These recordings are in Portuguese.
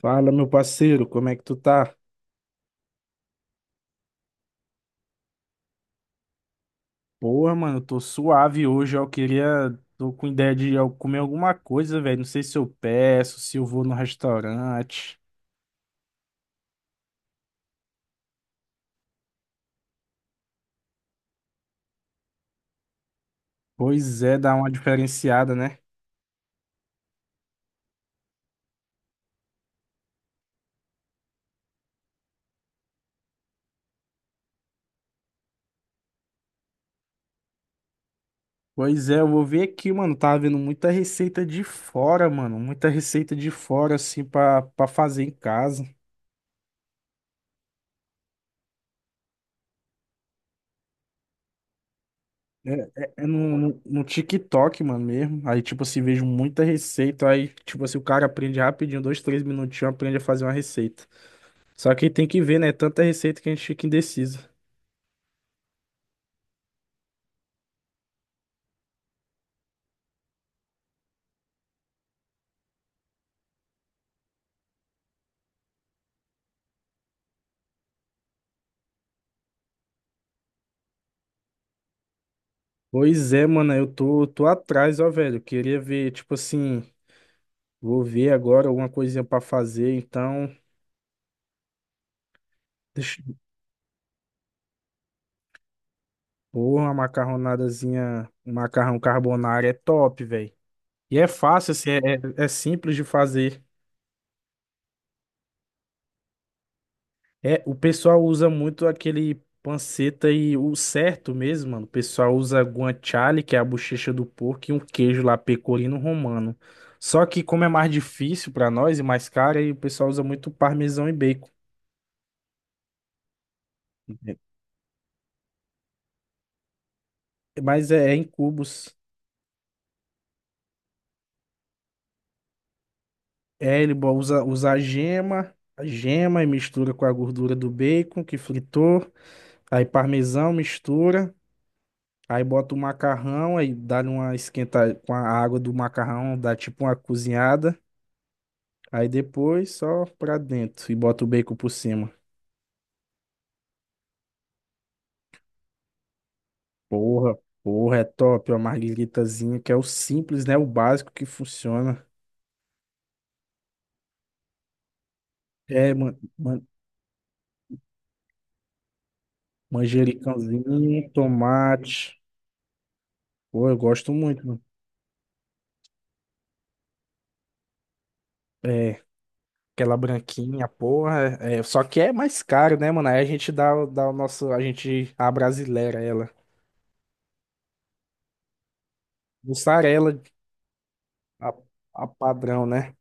Fala, meu parceiro, como é que tu tá? Porra, mano, eu tô suave hoje. Eu queria. Tô com ideia de eu comer alguma coisa, velho. Não sei se eu peço, se eu vou no restaurante. Pois é, dá uma diferenciada, né? Pois é, eu vou ver aqui, mano. Tava vendo muita receita de fora, mano. Muita receita de fora, assim, pra fazer em casa. É, é no, no, TikTok, mano, mesmo. Aí, tipo assim, vejo muita receita. Aí, tipo assim, o cara aprende rapidinho, dois, três minutinhos, aprende a fazer uma receita. Só que tem que ver, né? Tanta receita que a gente fica indeciso. Pois é, mano, eu tô atrás, ó, velho. Queria ver, tipo assim, vou ver agora alguma coisinha pra fazer, então. Deixa. Porra, uma macarronadazinha, um macarrão carbonara é top, velho. E é fácil, assim, é simples de fazer. É, o pessoal usa muito aquele panceta e o certo mesmo, mano. O pessoal usa guanciale, que é a bochecha do porco, e um queijo lá pecorino romano. Só que como é mais difícil pra nós e mais caro, aí o pessoal usa muito parmesão e bacon. É, mas é em cubos. É, ele usa a gema e mistura com a gordura do bacon que fritou. Aí parmesão mistura. Aí bota o macarrão, aí dá uma esquentada com a água do macarrão, dá tipo uma cozinhada. Aí depois só pra dentro e bota o bacon por cima. Porra, porra, é top, ó, margueritazinha, que é o simples, né? O básico que funciona. É, manjericãozinho, tomate. Pô, eu gosto muito, mano. É, aquela branquinha, porra. É, só que é mais caro, né, mano? Aí a gente dá o nosso, a gente, a brasileira, ela. Mussarela, a, a padrão, né?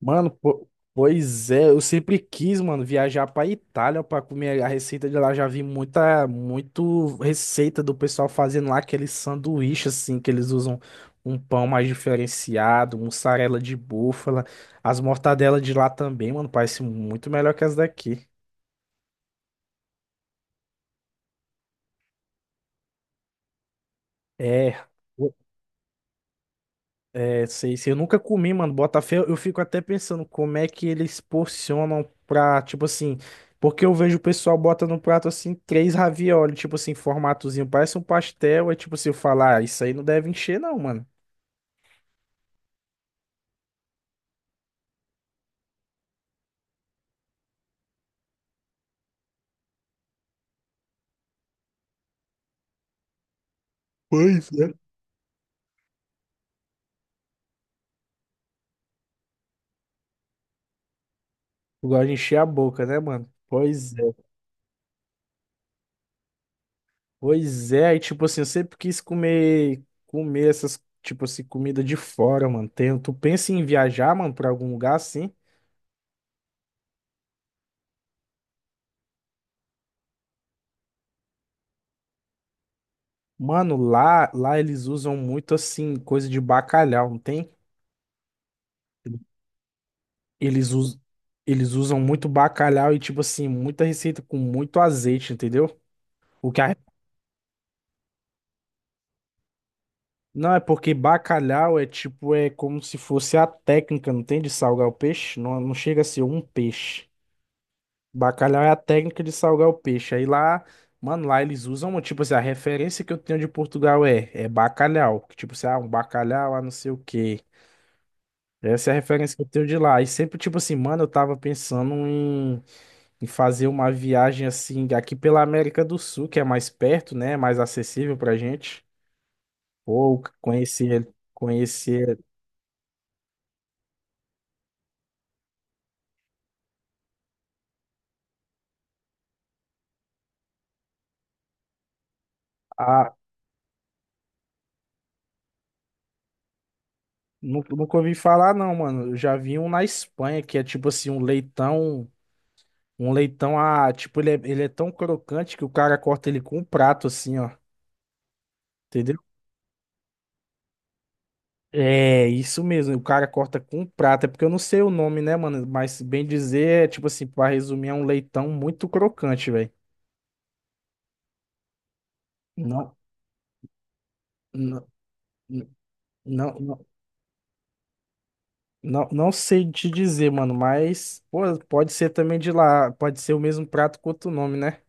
Mano, pois é, eu sempre quis, mano, viajar pra Itália pra comer a receita de lá. Já vi muita, muito receita do pessoal fazendo lá aquele sanduíche, assim, que eles usam um pão mais diferenciado, mussarela de búfala. As mortadelas de lá também, mano, parece muito melhor que as daqui. É. É, sei, sei. Eu nunca comi, mano. Botafé, eu fico até pensando como é que eles porcionam pra, tipo assim. Porque eu vejo o pessoal bota no prato assim, três ravioli, tipo assim, formatozinho. Parece um pastel. É tipo assim, eu falar, ah, isso aí não deve encher, não, mano. Pois é. Eu gosto de encher a boca, né, mano? Pois é. Pois é. E tipo assim, eu sempre quis comer, comer essas, tipo assim, comida de fora, mano. Tem, tu pensa em viajar, mano, pra algum lugar assim? Mano, lá eles usam muito assim, coisa de bacalhau, não tem? Eles, us... eles usam muito bacalhau e, tipo assim, muita receita com muito azeite, entendeu? O que a- Não, é porque bacalhau é tipo, é como se fosse a técnica, não tem? De salgar o peixe. Não, não chega a ser um peixe. Bacalhau é a técnica de salgar o peixe. Aí lá, mano, lá eles usam, tipo assim, a referência que eu tenho de Portugal é bacalhau. Que, tipo assim, ah, um bacalhau, ah, não sei o quê. Essa é a referência que eu tenho de lá. E sempre, tipo assim, mano, eu tava pensando em, fazer uma viagem assim, aqui pela América do Sul, que é mais perto, né? Mais acessível pra gente. Ou conhecer, conhecer a. Nunca ouvi falar, não, mano. Eu já vi um na Espanha, que é tipo assim, um leitão. Um leitão a. Tipo, ele é tão crocante que o cara corta ele com um prato, assim, ó. Entendeu? É, isso mesmo. O cara corta com prata. É porque eu não sei o nome, né, mano? Mas bem dizer, é tipo assim, pra resumir, é um leitão muito crocante, velho. Não, não, não, não, não, não sei te dizer, mano. Mas, pô, pode ser também de lá. Pode ser o mesmo prato com outro nome, né?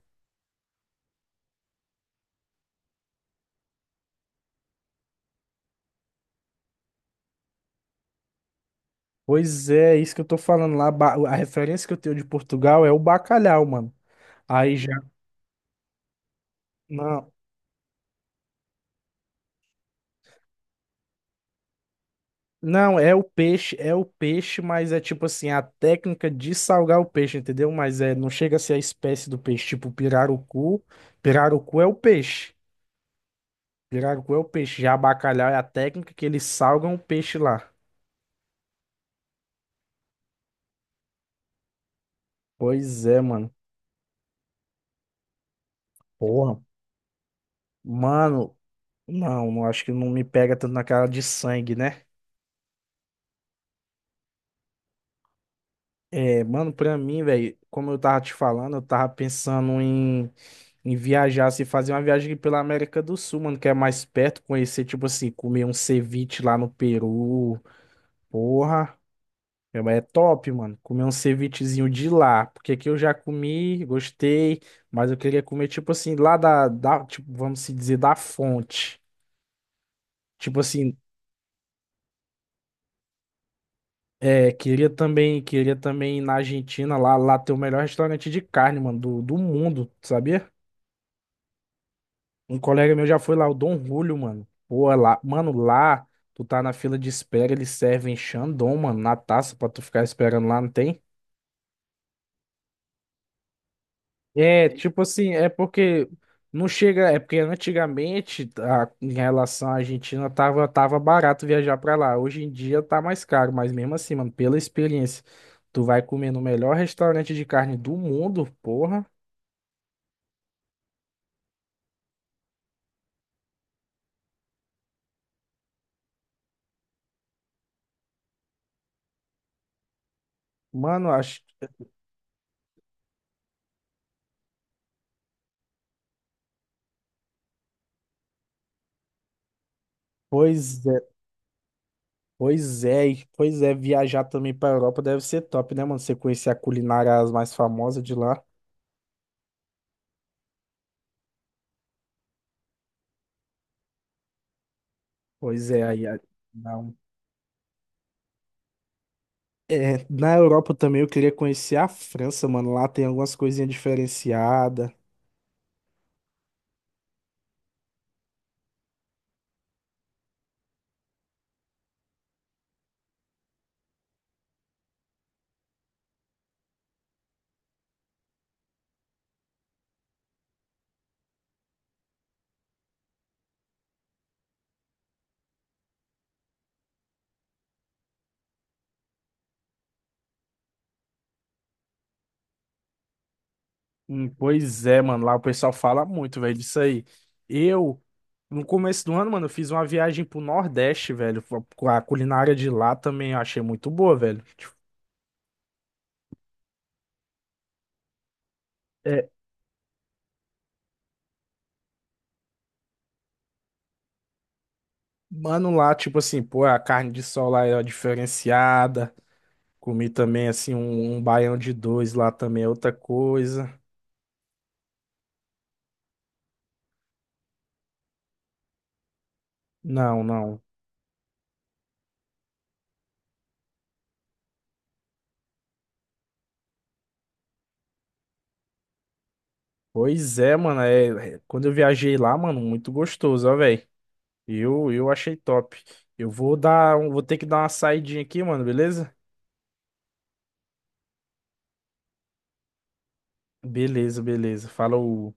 Pois é, é isso que eu tô falando lá. A referência que eu tenho de Portugal é o bacalhau, mano. Aí já. Não. Não, é o peixe, mas é tipo assim, a técnica de salgar o peixe, entendeu? Mas é, não chega a ser a espécie do peixe, tipo pirarucu. Pirarucu é o peixe. Pirarucu é o peixe. Já bacalhau é a técnica que eles salgam o peixe lá. Pois é, mano. Porra. Mano, não acho que não me pega tanto na cara de sangue, né? É, mano, pra mim, velho, como eu tava te falando, eu tava pensando em viajar, se fazer uma viagem aqui pela América do Sul, mano, que é mais perto, conhecer, tipo assim, comer um ceviche lá no Peru. Porra, é top, mano. Comer um cevichezinho de lá. Porque aqui eu já comi, gostei, mas eu queria comer, tipo assim, lá da, tipo, vamos se dizer, da fonte. Tipo assim, é, queria também ir na Argentina, lá ter o melhor restaurante de carne, mano, do mundo, sabia? Um colega meu já foi lá, o Dom Julio, mano. Pô, é lá, mano, lá tu tá na fila de espera, eles servem Xandão, mano, na taça pra tu ficar esperando lá, não tem? É, tipo assim, é porque não chega, é porque antigamente em relação à Argentina tava barato viajar pra lá. Hoje em dia tá mais caro, mas mesmo assim, mano, pela experiência, tu vai comer no melhor restaurante de carne do mundo, porra. Mano, acho, pois é. Pois é, pois é, viajar também pra Europa deve ser top, né, mano? Você conhecer a culinária as mais famosas de lá. Pois é, não. É, na Europa também eu queria conhecer a França, mano. Lá tem algumas coisinhas diferenciadas. Pois é, mano. Lá o pessoal fala muito, velho, disso aí. Eu, no começo do ano, mano, eu fiz uma viagem pro Nordeste, velho. Com a culinária de lá também eu achei muito boa, velho. Tipo, é, mano, lá, tipo assim, pô, a carne de sol lá é diferenciada. Comi também, assim, um baião de dois lá também é outra coisa. Não, não. Pois é, mano. É, quando eu viajei lá, mano, muito gostoso, ó, velho. Eu achei top. Eu vou dar, um- vou ter que dar uma saidinha aqui, mano, beleza? Beleza, beleza. Falou.